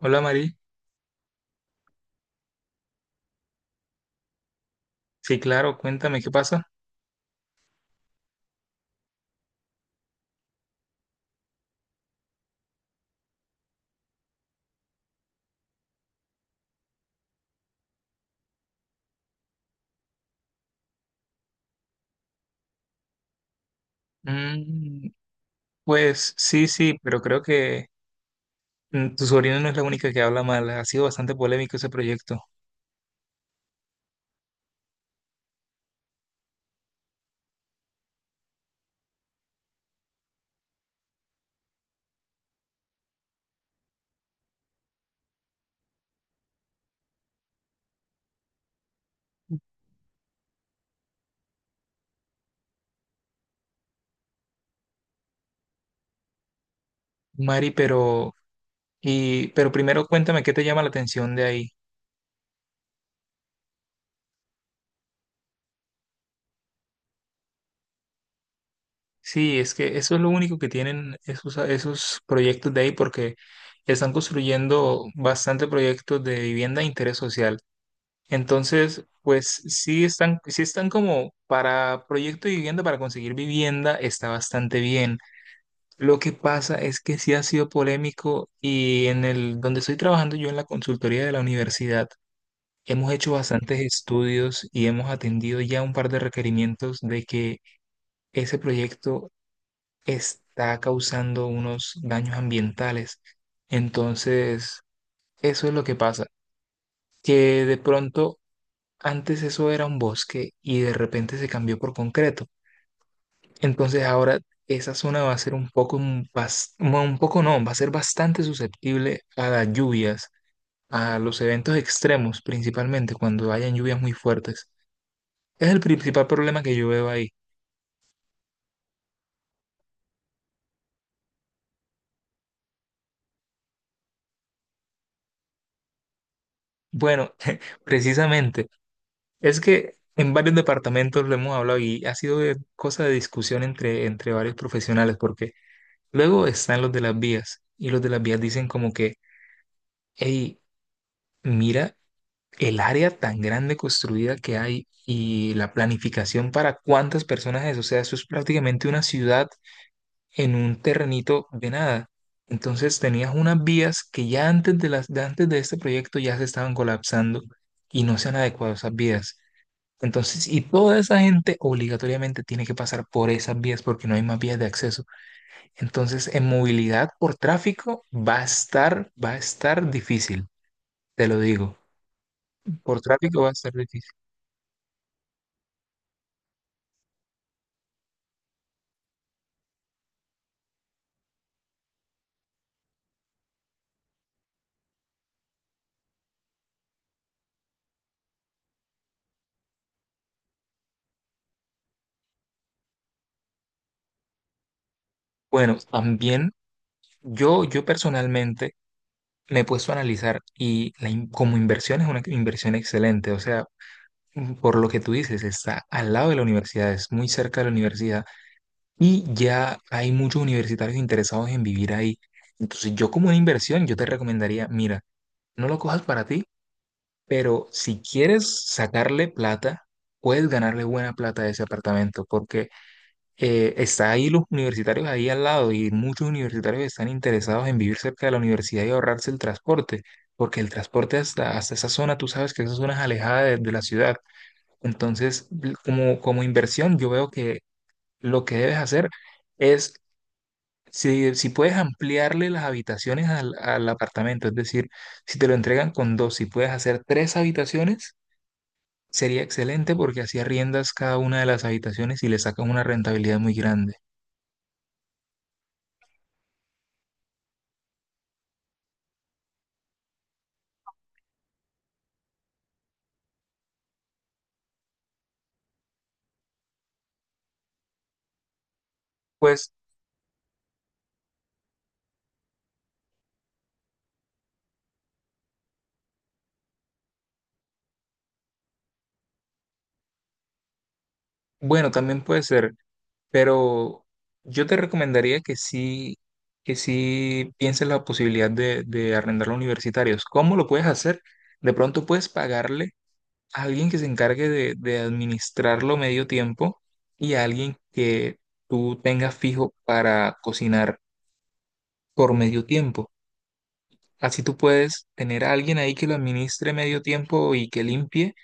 Hola Mari, sí, claro, cuéntame qué pasa. Mm, pues sí, pero creo que tu sobrina no es la única que habla mal, ha sido bastante polémico ese proyecto. Mari, pero, y, pero primero cuéntame qué te llama la atención de ahí. Sí, es que eso es lo único que tienen esos proyectos de ahí porque están construyendo bastante proyectos de vivienda de interés social. Entonces, pues sí están como para proyecto de vivienda, para conseguir vivienda, está bastante bien. Lo que pasa es que sí ha sido polémico y en el donde estoy trabajando yo en la consultoría de la universidad, hemos hecho bastantes estudios y hemos atendido ya un par de requerimientos de que ese proyecto está causando unos daños ambientales. Entonces, eso es lo que pasa, que de pronto antes eso era un bosque y de repente se cambió por concreto. Entonces ahora esa zona va a ser un poco, no, un poco no, va a ser bastante susceptible a las lluvias, a los eventos extremos principalmente, cuando hayan lluvias muy fuertes. Es el principal problema que yo veo ahí. Bueno, precisamente, es que en varios departamentos lo hemos hablado y ha sido cosa de discusión entre varios profesionales, porque luego están los de las vías y los de las vías dicen como que, hey, mira el área tan grande construida que hay y la planificación para cuántas personas es. O sea, eso es prácticamente una ciudad en un terrenito de nada. Entonces tenías unas vías que ya antes de antes de este proyecto ya se estaban colapsando y no se han adecuado a esas vías. Entonces, y toda esa gente obligatoriamente tiene que pasar por esas vías porque no hay más vías de acceso. Entonces, en movilidad por tráfico va a estar difícil, te lo digo. Por tráfico va a estar difícil. Bueno, también yo personalmente me he puesto a analizar y como inversión es una inversión excelente, o sea, por lo que tú dices, está al lado de la universidad, es muy cerca de la universidad y ya hay muchos universitarios interesados en vivir ahí. Entonces yo como una inversión, yo te recomendaría, mira, no lo cojas para ti, pero si quieres sacarle plata, puedes ganarle buena plata a ese apartamento, porque está ahí los universitarios ahí al lado y muchos universitarios están interesados en vivir cerca de la universidad y ahorrarse el transporte, porque el transporte hasta esa zona, tú sabes que esa zona es alejada de la ciudad. Entonces, como, como inversión, yo veo que lo que debes hacer es, si puedes ampliarle las habitaciones al apartamento, es decir, si te lo entregan con dos, si puedes hacer tres habitaciones, sería excelente porque así arriendas cada una de las habitaciones y le sacas una rentabilidad muy grande. Pues bueno, también puede ser, pero yo te recomendaría que sí pienses la posibilidad de arrendarlo a universitarios. ¿Cómo lo puedes hacer? De pronto puedes pagarle a alguien que se encargue de administrarlo medio tiempo y a alguien que tú tengas fijo para cocinar por medio tiempo. Así tú puedes tener a alguien ahí que lo administre medio tiempo y que limpie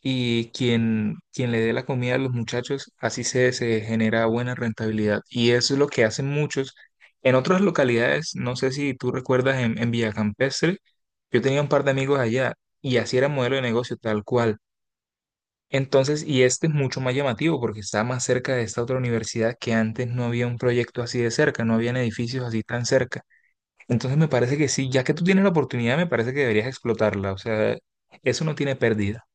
y quien le dé la comida a los muchachos, así se genera buena rentabilidad. Y eso es lo que hacen muchos. En otras localidades, no sé si tú recuerdas en Villa Campestre, yo tenía un par de amigos allá y así era modelo de negocio tal cual. Entonces, y este es mucho más llamativo porque está más cerca de esta otra universidad que antes no había un proyecto así de cerca, no habían edificios así tan cerca. Entonces me parece que sí, ya que tú tienes la oportunidad, me parece que deberías explotarla. O sea, eso no tiene pérdida.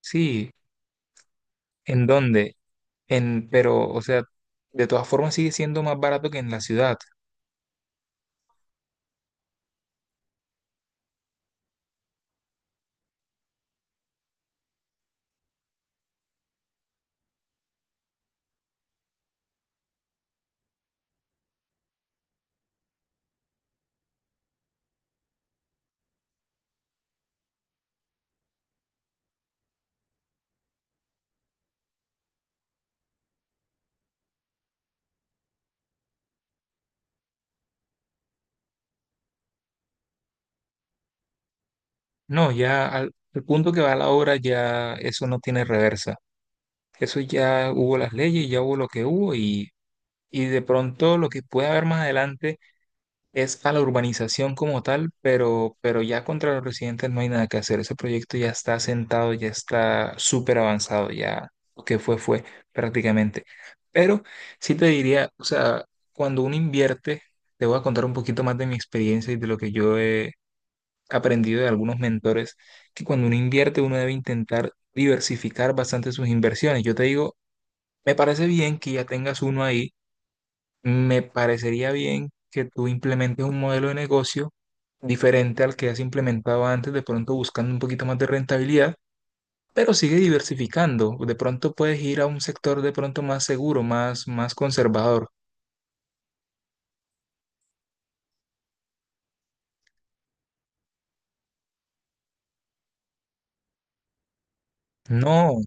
Sí, ¿en dónde? En, pero, o sea, de todas formas sigue siendo más barato que en la ciudad. No, ya al punto que va la obra ya eso no tiene reversa. Eso ya hubo las leyes, ya hubo lo que hubo y de pronto lo que puede haber más adelante es a la urbanización como tal, pero ya contra los residentes no hay nada que hacer. Ese proyecto ya está sentado, ya está súper avanzado, ya lo que fue, fue prácticamente. Pero sí te diría, o sea, cuando uno invierte, te voy a contar un poquito más de mi experiencia y de lo que yo he aprendido de algunos mentores, que cuando uno invierte, uno debe intentar diversificar bastante sus inversiones. Yo te digo, me parece bien que ya tengas uno ahí, me parecería bien que tú implementes un modelo de negocio diferente al que has implementado antes, de pronto buscando un poquito más de rentabilidad, pero sigue diversificando. De pronto puedes ir a un sector de pronto más seguro, más, más conservador. No,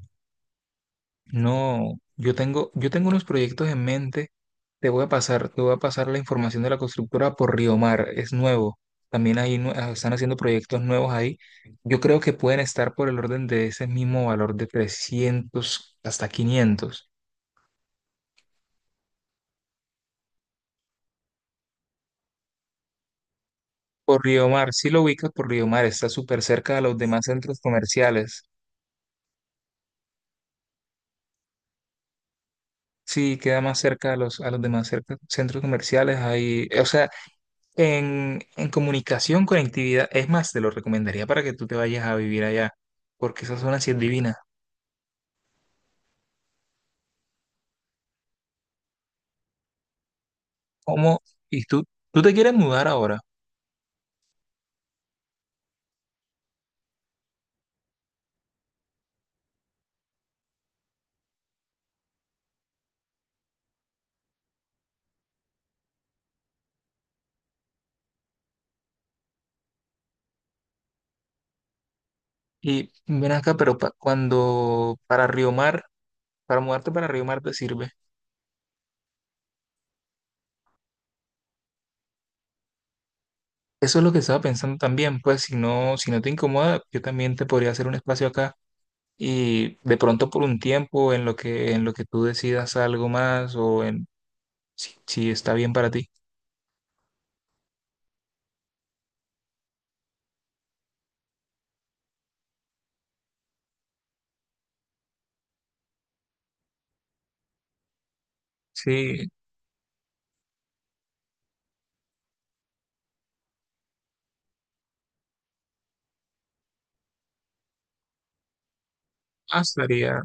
no. Yo tengo unos proyectos en mente. Te voy a pasar la información de la constructora por Río Mar. Es nuevo. También ahí están haciendo proyectos nuevos ahí. Yo creo que pueden estar por el orden de ese mismo valor de 300 hasta 500. Por Río Mar, sí lo ubicas por Río Mar, está súper cerca de los demás centros comerciales. Sí, queda más cerca a a los demás centros comerciales. Ahí, o sea, en comunicación, conectividad, es más, te lo recomendaría para que tú te vayas a vivir allá, porque esa zona sí es divina. ¿Cómo? Y tú te quieres mudar ahora. Y ven acá, pero cuando para Río Mar, para mudarte para Río Mar te sirve. Eso es lo que estaba pensando también, pues si no, si no te incomoda, yo también te podría hacer un espacio acá. Y de pronto por un tiempo en lo que tú decidas algo más o en si, si está bien para ti. Sí, ah, estaría,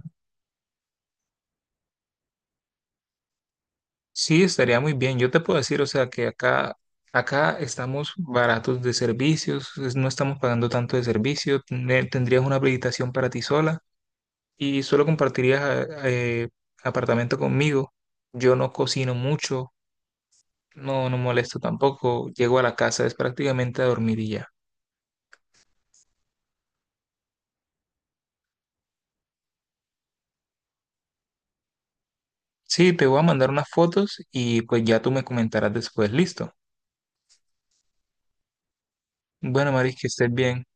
sí, estaría muy bien. Yo te puedo decir, o sea, que acá, acá estamos baratos de servicios, no estamos pagando tanto de servicio, tendrías una habilitación para ti sola y solo compartirías apartamento conmigo. Yo no cocino mucho, no, no molesto tampoco, llego a la casa, es prácticamente a dormir y ya. Sí, te voy a mandar unas fotos y pues ya tú me comentarás después. Listo. Bueno, Maris, que estés bien.